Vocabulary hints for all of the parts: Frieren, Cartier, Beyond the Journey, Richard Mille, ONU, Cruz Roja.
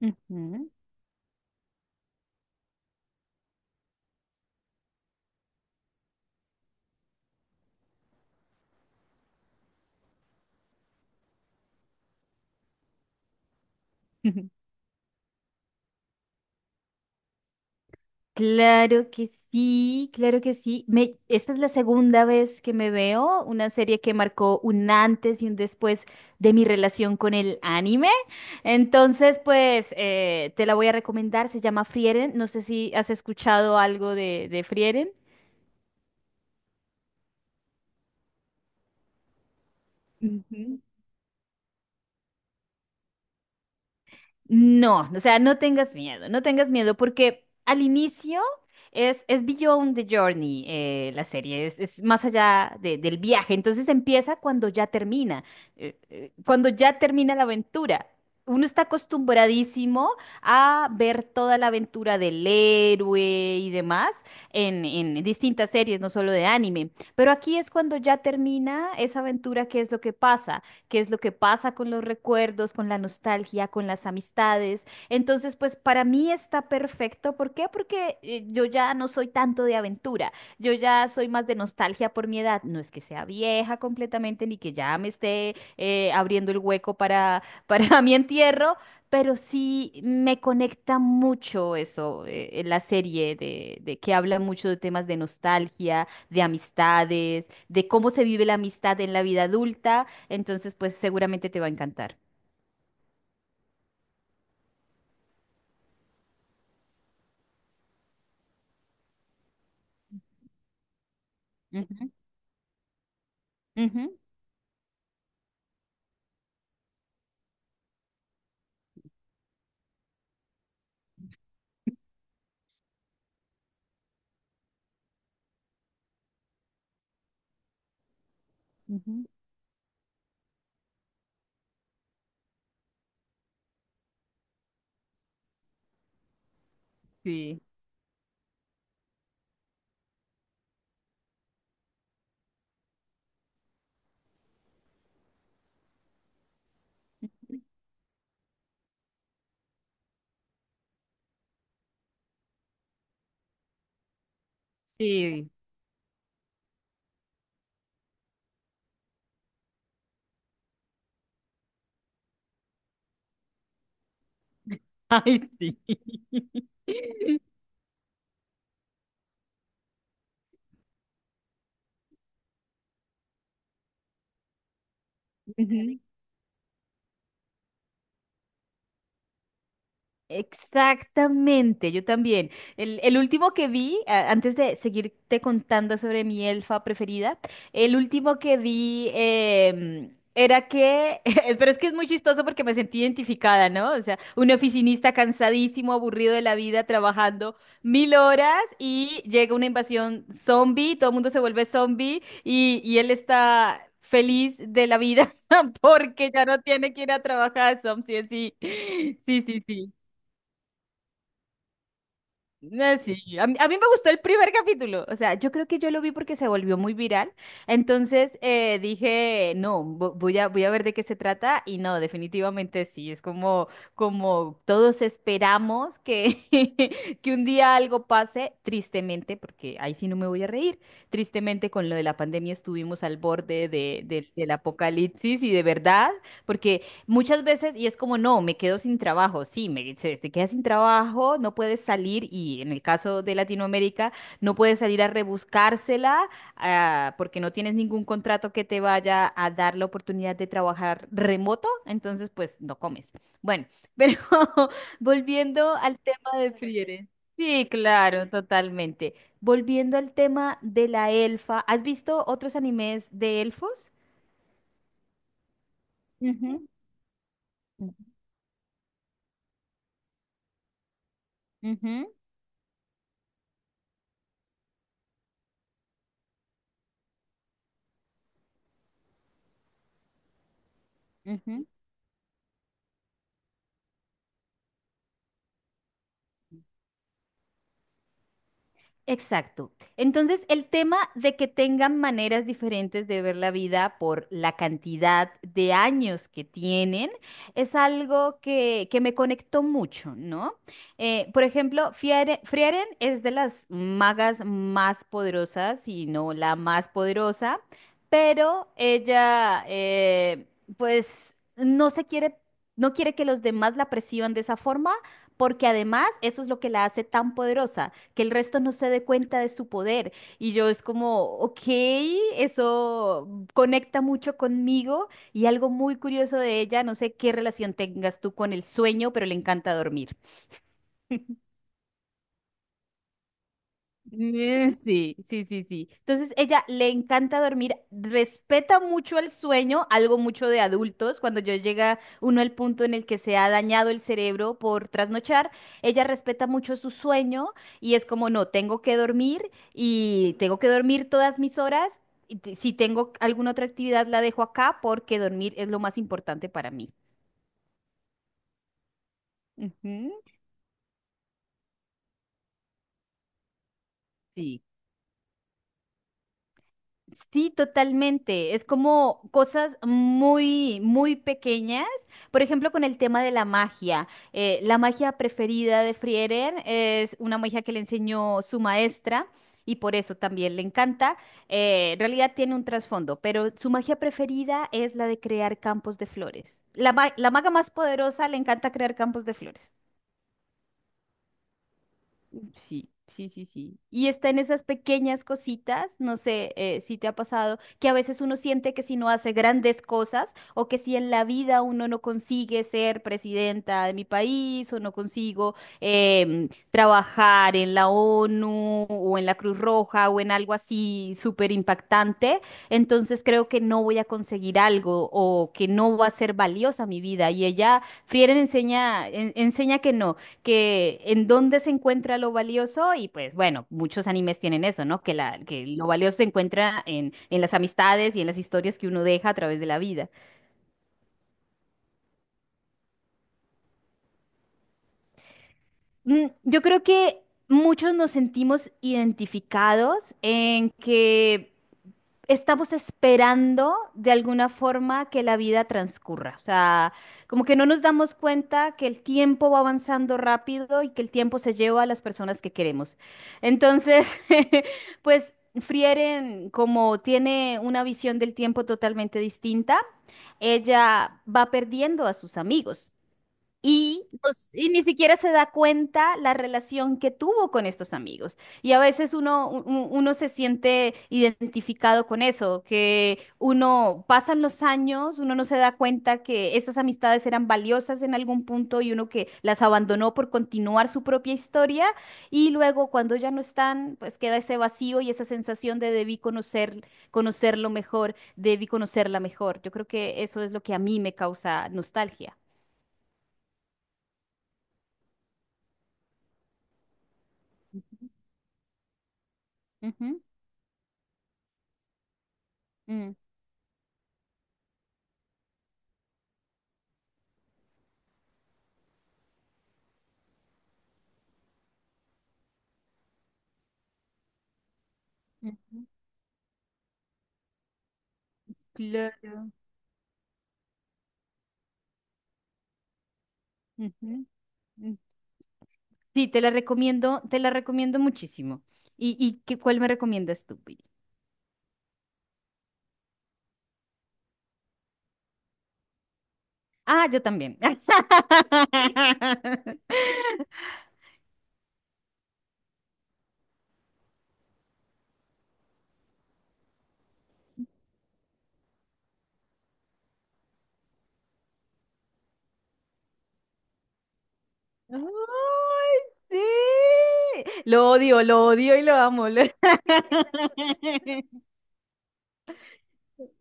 Ujú. Claro que sí, claro que sí. Esta es la segunda vez que me veo una serie que marcó un antes y un después de mi relación con el anime. Entonces, pues te la voy a recomendar. Se llama Frieren. No sé si has escuchado algo de Frieren. Ujú. No, o sea, no tengas miedo, no tengas miedo, porque al inicio es Beyond the Journey, la serie, es más allá del viaje, entonces empieza cuando ya termina la aventura. Uno está acostumbradísimo a ver toda la aventura del héroe y demás en distintas series, no solo de anime, pero aquí es cuando ya termina esa aventura, qué es lo que pasa qué es lo que pasa con los recuerdos, con la nostalgia, con las amistades. Entonces, pues para mí está perfecto. ¿Por qué? Porque yo ya no soy tanto de aventura. Yo ya soy más de nostalgia por mi edad. No es que sea vieja completamente ni que ya me esté abriendo el hueco para, para mi entierro, pero sí me conecta mucho eso, la serie de que habla mucho de temas de nostalgia, de amistades, de cómo se vive la amistad en la vida adulta, entonces, pues seguramente te va a encantar. Ujú, ujú, ujú. Sí, sí. Ay, sí. Ujú. Exactamente, yo también. El último que vi, antes de seguirte contando sobre mi elfa preferida, el último que vi era que, pero es que es muy chistoso porque me sentí identificada, ¿no? O sea, un oficinista cansadísimo, aburrido de la vida, trabajando mil horas y llega una invasión zombie, todo el mundo se vuelve zombie y él está feliz de la vida porque ya no tiene que ir a trabajar, zombie. Sí, sí, sí, sí, sí. No, sí, a mí me gustó el primer capítulo, o sea, yo creo que yo lo vi porque se volvió muy viral, entonces dije, no, voy a ver de qué se trata y no, definitivamente sí, es como, como todos esperamos que, que un día algo pase, tristemente, porque ahí sí no me voy a reír, tristemente con lo de la pandemia estuvimos al borde de, del apocalipsis y de verdad, porque muchas veces, y es como, no, me quedo sin trabajo. Sí, te quedas sin trabajo, no puedes salir, y en el caso de Latinoamérica, no puedes salir a rebuscársela, ah, porque no tienes ningún contrato que te vaya a dar la oportunidad de trabajar remoto, entonces pues no comes. Bueno, pero volviendo al tema de Friere. Sí, claro, totalmente. Volviendo al tema de la elfa, ¿has visto otros animes de elfos? Ujú, ujú, ujú. Exacto. Entonces, el tema de que tengan maneras diferentes de ver la vida por la cantidad de años que tienen es algo que me conectó mucho, ¿no? Por ejemplo, Frieren es de las magas más poderosas, si no la más poderosa, pero ella, pues, no se quiere, no quiere que los demás la perciban de esa forma, porque además eso es lo que la hace tan poderosa que el resto no se dé cuenta de su poder. Y yo es como, ok, eso conecta mucho conmigo y algo muy curioso de ella, no sé qué relación tengas tú con el sueño, pero le encanta dormir. Mm, sí, sí, sí, sí. Entonces, ella le encanta dormir, respeta mucho el sueño, algo mucho de adultos. Cuando yo llega uno al punto en el que se ha dañado el cerebro por trasnochar, ella respeta mucho su sueño y es como, no, tengo que dormir y tengo que dormir todas mis horas. Si tengo alguna otra actividad, la dejo acá porque dormir es lo más importante para mí. Ujú, sí. Sí, totalmente. Es como cosas muy, muy pequeñas. Por ejemplo, con el tema de la magia. La magia preferida de Frieren es una magia que le enseñó su maestra y por eso también le encanta. En realidad tiene un trasfondo, pero su magia preferida es la de crear campos de flores. La, la maga más poderosa le encanta crear campos de flores. Sí, sí, sí, sí. Y está en esas pequeñas cositas, no sé si te ha pasado, que a veces uno siente que si no hace grandes cosas o que si en la vida uno no consigue ser presidenta de mi país o no consigo trabajar en la ONU o en la Cruz Roja o en algo así súper impactante, entonces creo que no voy a conseguir algo o que no va a ser valiosa mi vida. Y ella, Frieren enseña, enseña que no, que en dónde se encuentra lo valioso y pues bueno, muchos animes tienen eso, ¿no? Que lo valioso se encuentra en las amistades y en las historias que uno deja a través de la vida. Mm, yo creo que muchos nos sentimos identificados en que estamos esperando de alguna forma que la vida transcurra. O sea, como que no nos damos cuenta que el tiempo va avanzando rápido y que el tiempo se lleva a las personas que queremos. Entonces, pues Frieren, como tiene una visión del tiempo totalmente distinta, ella va perdiendo a sus amigos. Y, pues, y ni siquiera se da cuenta la relación que tuvo con estos amigos. Y a veces uno, uno se siente identificado con eso, que uno pasan los años, uno no se da cuenta que estas amistades eran valiosas en algún punto y uno que las abandonó por continuar su propia historia. Y luego cuando ya no están, pues queda ese vacío y esa sensación de debí conocer, conocerlo mejor, debí conocerla mejor. Yo creo que eso es lo que a mí me causa nostalgia. Ujú, mm. Ujú, claro. Ujú, mm. Sí, te la recomiendo muchísimo. ¿¿Y cuál me recomiendas tú, Pili? Ah, yo también. ¡Ay, sí! Lo odio y lo amo. Lo-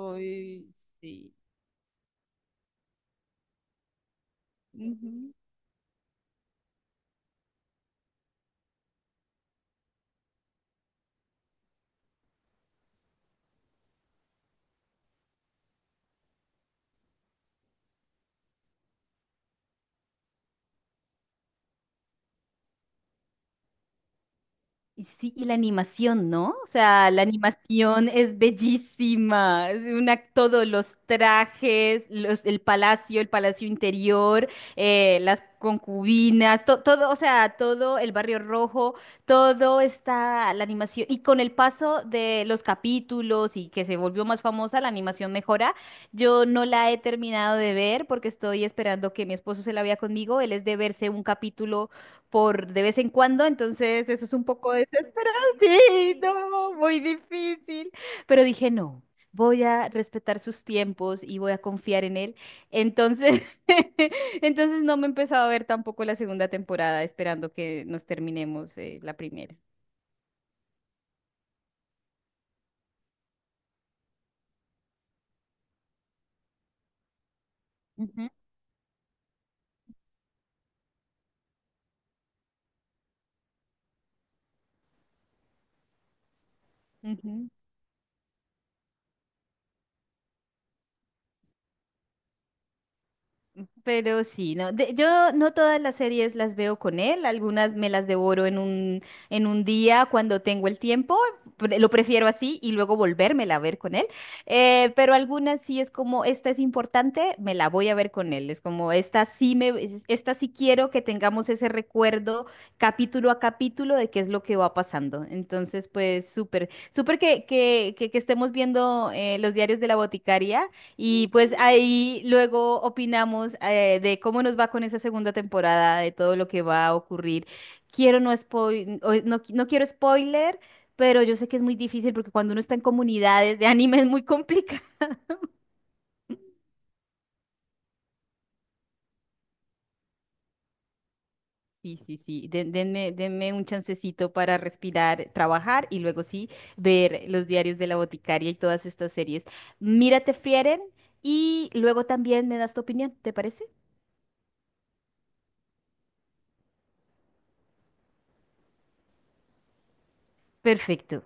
Ay, sí. Ujú. Y sí, y la animación, ¿no? O sea, la animación es bellísima. Es una, todos los trajes, los, el palacio interior, las concubinas, todo, o sea, todo el barrio rojo, todo está la animación. Y con el paso de los capítulos y que se volvió más famosa, la animación mejora. Yo no la he terminado de ver porque estoy esperando que mi esposo se la vea conmigo. Él es de verse un capítulo por de vez en cuando, entonces eso es un poco desesperado. Sí, no, muy difícil. Pero dije, no, voy a respetar sus tiempos y voy a confiar en él. Entonces, entonces no me he empezado a ver tampoco la segunda temporada, esperando que nos terminemos la primera. Ujú, ujú. Pero sí, no. Yo no todas las series las veo con él, algunas me las devoro en un día cuando tengo el tiempo, lo prefiero así y luego volvérmela a ver con él. Pero algunas sí es como, esta es importante, me la voy a ver con él. Es como, esta sí quiero que tengamos ese recuerdo capítulo a capítulo de qué es lo que va pasando. Entonces, pues súper, súper que estemos viendo los diarios de la boticaria y pues ahí luego opinamos de cómo nos va con esa segunda temporada, de todo lo que va a ocurrir. Quiero no spoil, no quiero spoiler, pero yo sé que es muy difícil porque cuando uno está en comunidades de anime es muy complicado. Sí, sí, sí. Denme, denme un chancecito para respirar, trabajar y luego sí ver los diarios de la boticaria y todas estas series. Mírate, Frieren, y luego también me das tu opinión, ¿te parece? Perfecto.